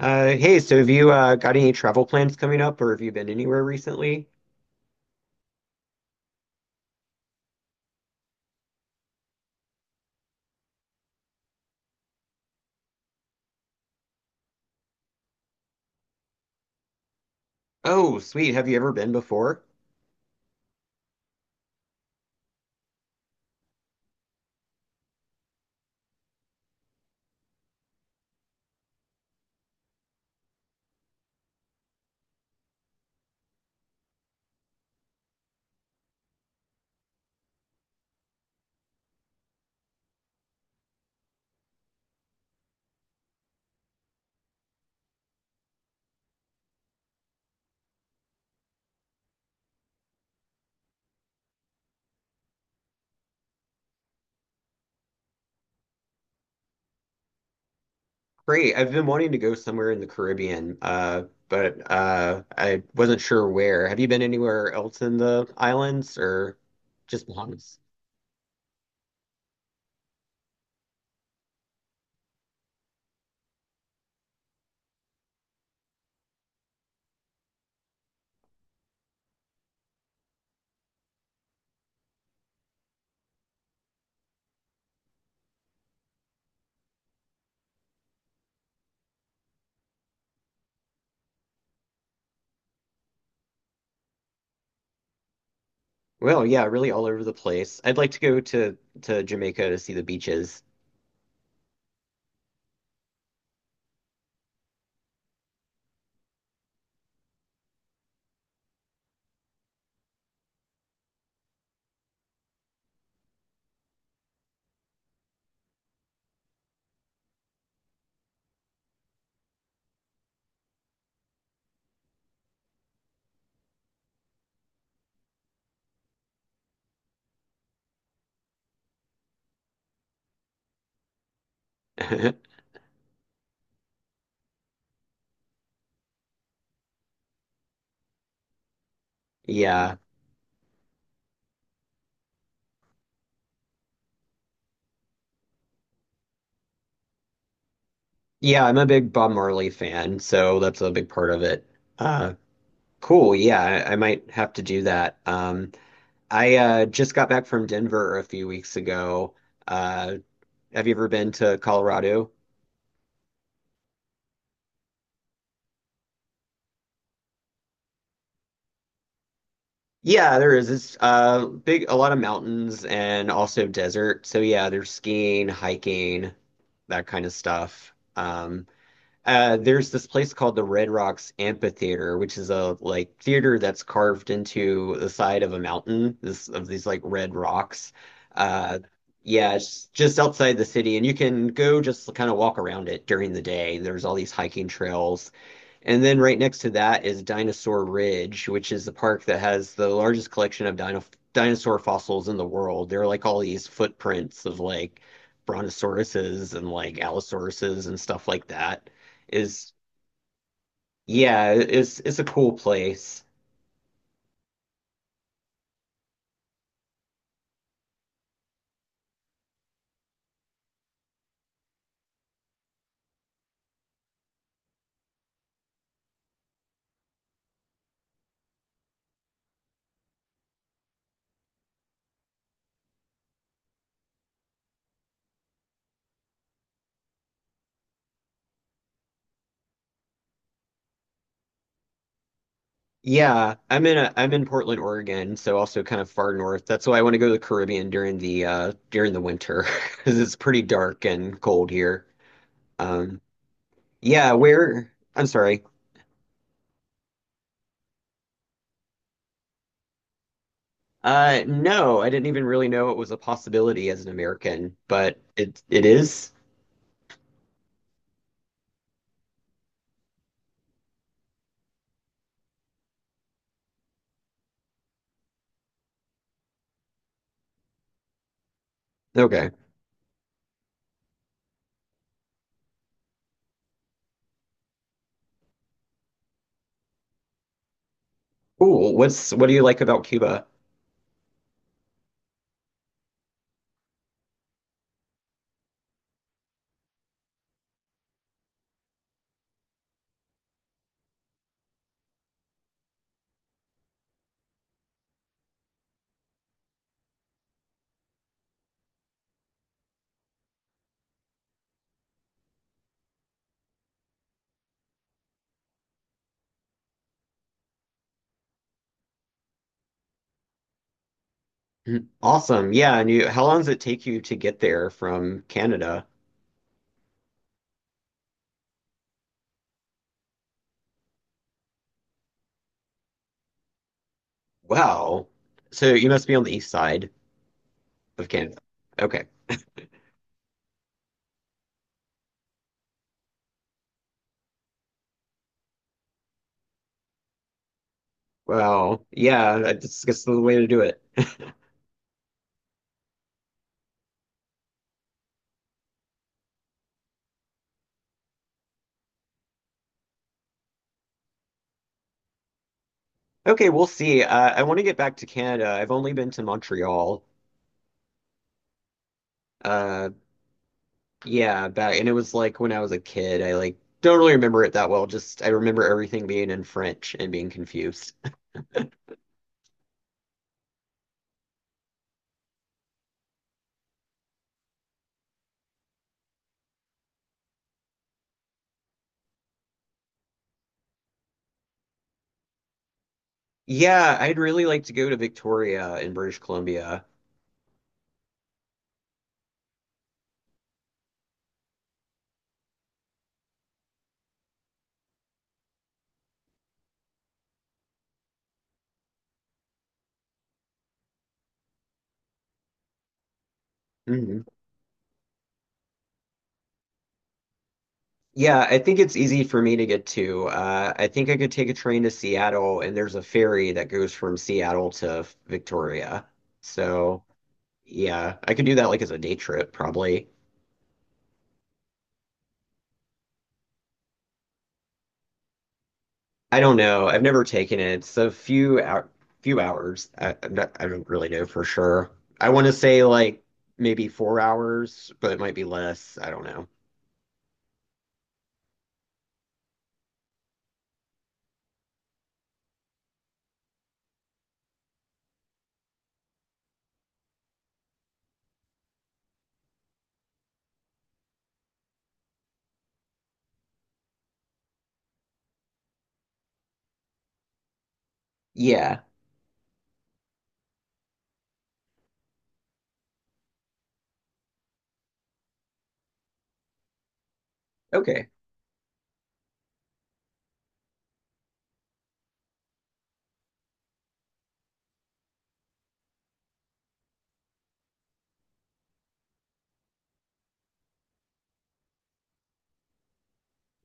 Hey, so have you got any travel plans coming up, or have you been anywhere recently? Oh, sweet. Have you ever been before? Great. I've been wanting to go somewhere in the Caribbean, but I wasn't sure where. Have you been anywhere else in the islands, or just Bahamas? Well, yeah, really all over the place. I'd like to go to Jamaica to see the beaches. Yeah. Yeah, I'm a big Bob Marley fan, so that's a big part of it. Uh, cool. Yeah, I might have to do that. I just got back from Denver a few weeks ago. Uh, have you ever been to Colorado? Yeah, there is. It's big, a lot of mountains and also desert. So yeah, there's skiing, hiking, that kind of stuff. There's this place called the Red Rocks Amphitheater, which is a like theater that's carved into the side of a mountain, this of these like red rocks. Uh, yeah, it's just outside the city, and you can go just kind of walk around it during the day. There's all these hiking trails. And then right next to that is Dinosaur Ridge, which is the park that has the largest collection of dinosaur fossils in the world. There are like all these footprints of like brontosauruses and like allosauruses and stuff like that is Yeah, it's a cool place. Yeah, I'm in Portland, Oregon, so also kind of far north. That's why I want to go to the Caribbean during the winter because it's pretty dark and cold here. Um yeah, where I'm sorry. No, I didn't even really know it was a possibility as an American, but it is. Okay. Cool. What do you like about Cuba? Mm, awesome. Yeah, and you how long does it take you to get there from Canada? Wow. So you must be on the east side of Canada. Okay. Well, yeah, that's just the way to do it. Okay, we'll see. I want to get back to Canada. I've only been to Montreal. Uh, yeah, and it was like when I was a kid. I like don't really remember it that well. Just I remember everything being in French and being confused. Yeah, I'd really like to go to Victoria in British Columbia. Mhm. Yeah, I think it's easy for me to get to. I think I could take a train to Seattle, and there's a ferry that goes from Seattle to Victoria. So, yeah, I could do that like as a day trip, probably. I don't know. I've never taken it. It's a few out, few hours. I, I'm not, I don't really know for sure. I want to say like maybe 4 hours, but it might be less. I don't know. Yeah. Okay.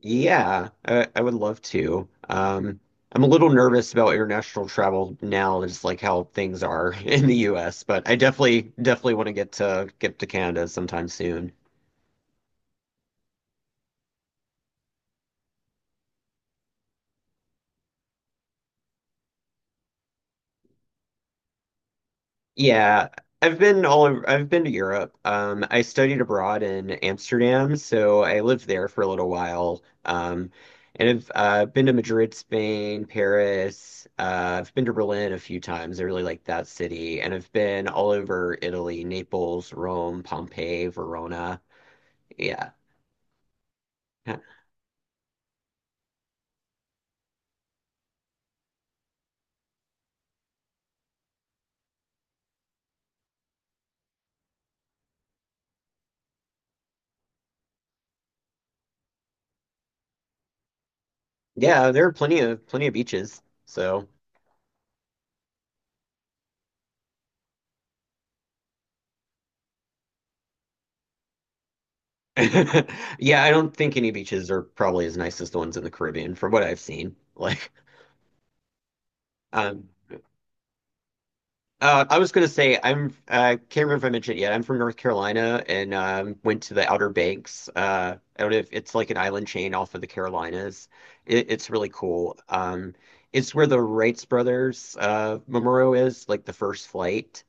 Yeah, I would love to. I'm a little nervous about international travel now, just like how things are in the US, but I definitely want to get to Canada sometime soon. Yeah, I've been to Europe. I studied abroad in Amsterdam, so I lived there for a little while. And I've been to Madrid, Spain, Paris. I've been to Berlin a few times. I really like that city. And I've been all over Italy, Naples, Rome, Pompeii, Verona. Yeah. Huh. Yeah, there are plenty of beaches. So yeah, I don't think any beaches are probably as nice as the ones in the Caribbean from what I've seen. Like um I was gonna say I'm can't remember if I mentioned it yet. I'm from North Carolina and went to the Outer Banks. I don't know if it's like an island chain off of the Carolinas. It's really cool. It's where the Wrights brothers memorial is, like the first flight.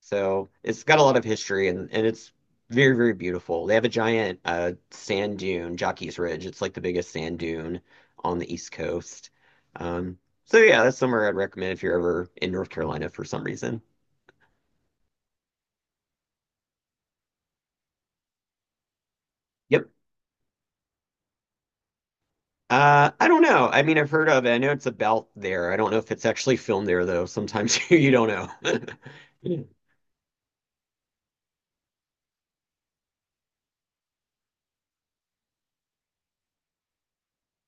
So it's got a lot of history and it's very beautiful. They have a giant sand dune, Jockey's Ridge. It's like the biggest sand dune on the East Coast. Um, so yeah, that's somewhere I'd recommend if you're ever in North Carolina for some reason. Yep. I don't know. I mean, I've heard of it. I know it's about there. I don't know if it's actually filmed there, though. Sometimes you don't know.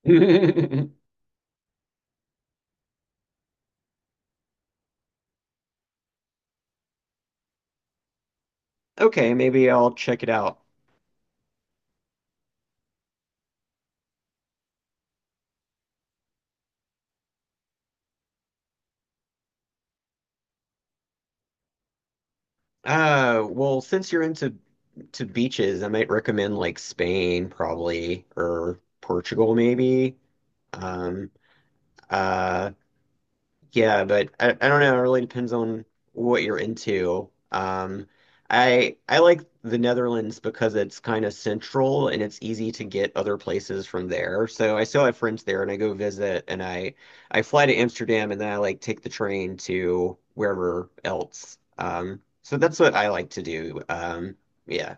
Okay, maybe I'll check it out. Well, since you're into to beaches, I might recommend like Spain, probably, or Portugal, maybe. Um, uh, Yeah, but I don't know. It really depends on what you're into. I like the Netherlands because it's kind of central and it's easy to get other places from there. So I still have friends there and I go visit and I fly to Amsterdam and then I like take the train to wherever else. So that's what I like to do. Yeah.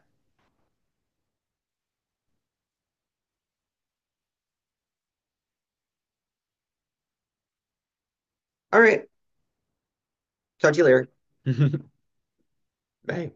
All right. Talk to you later. Bye.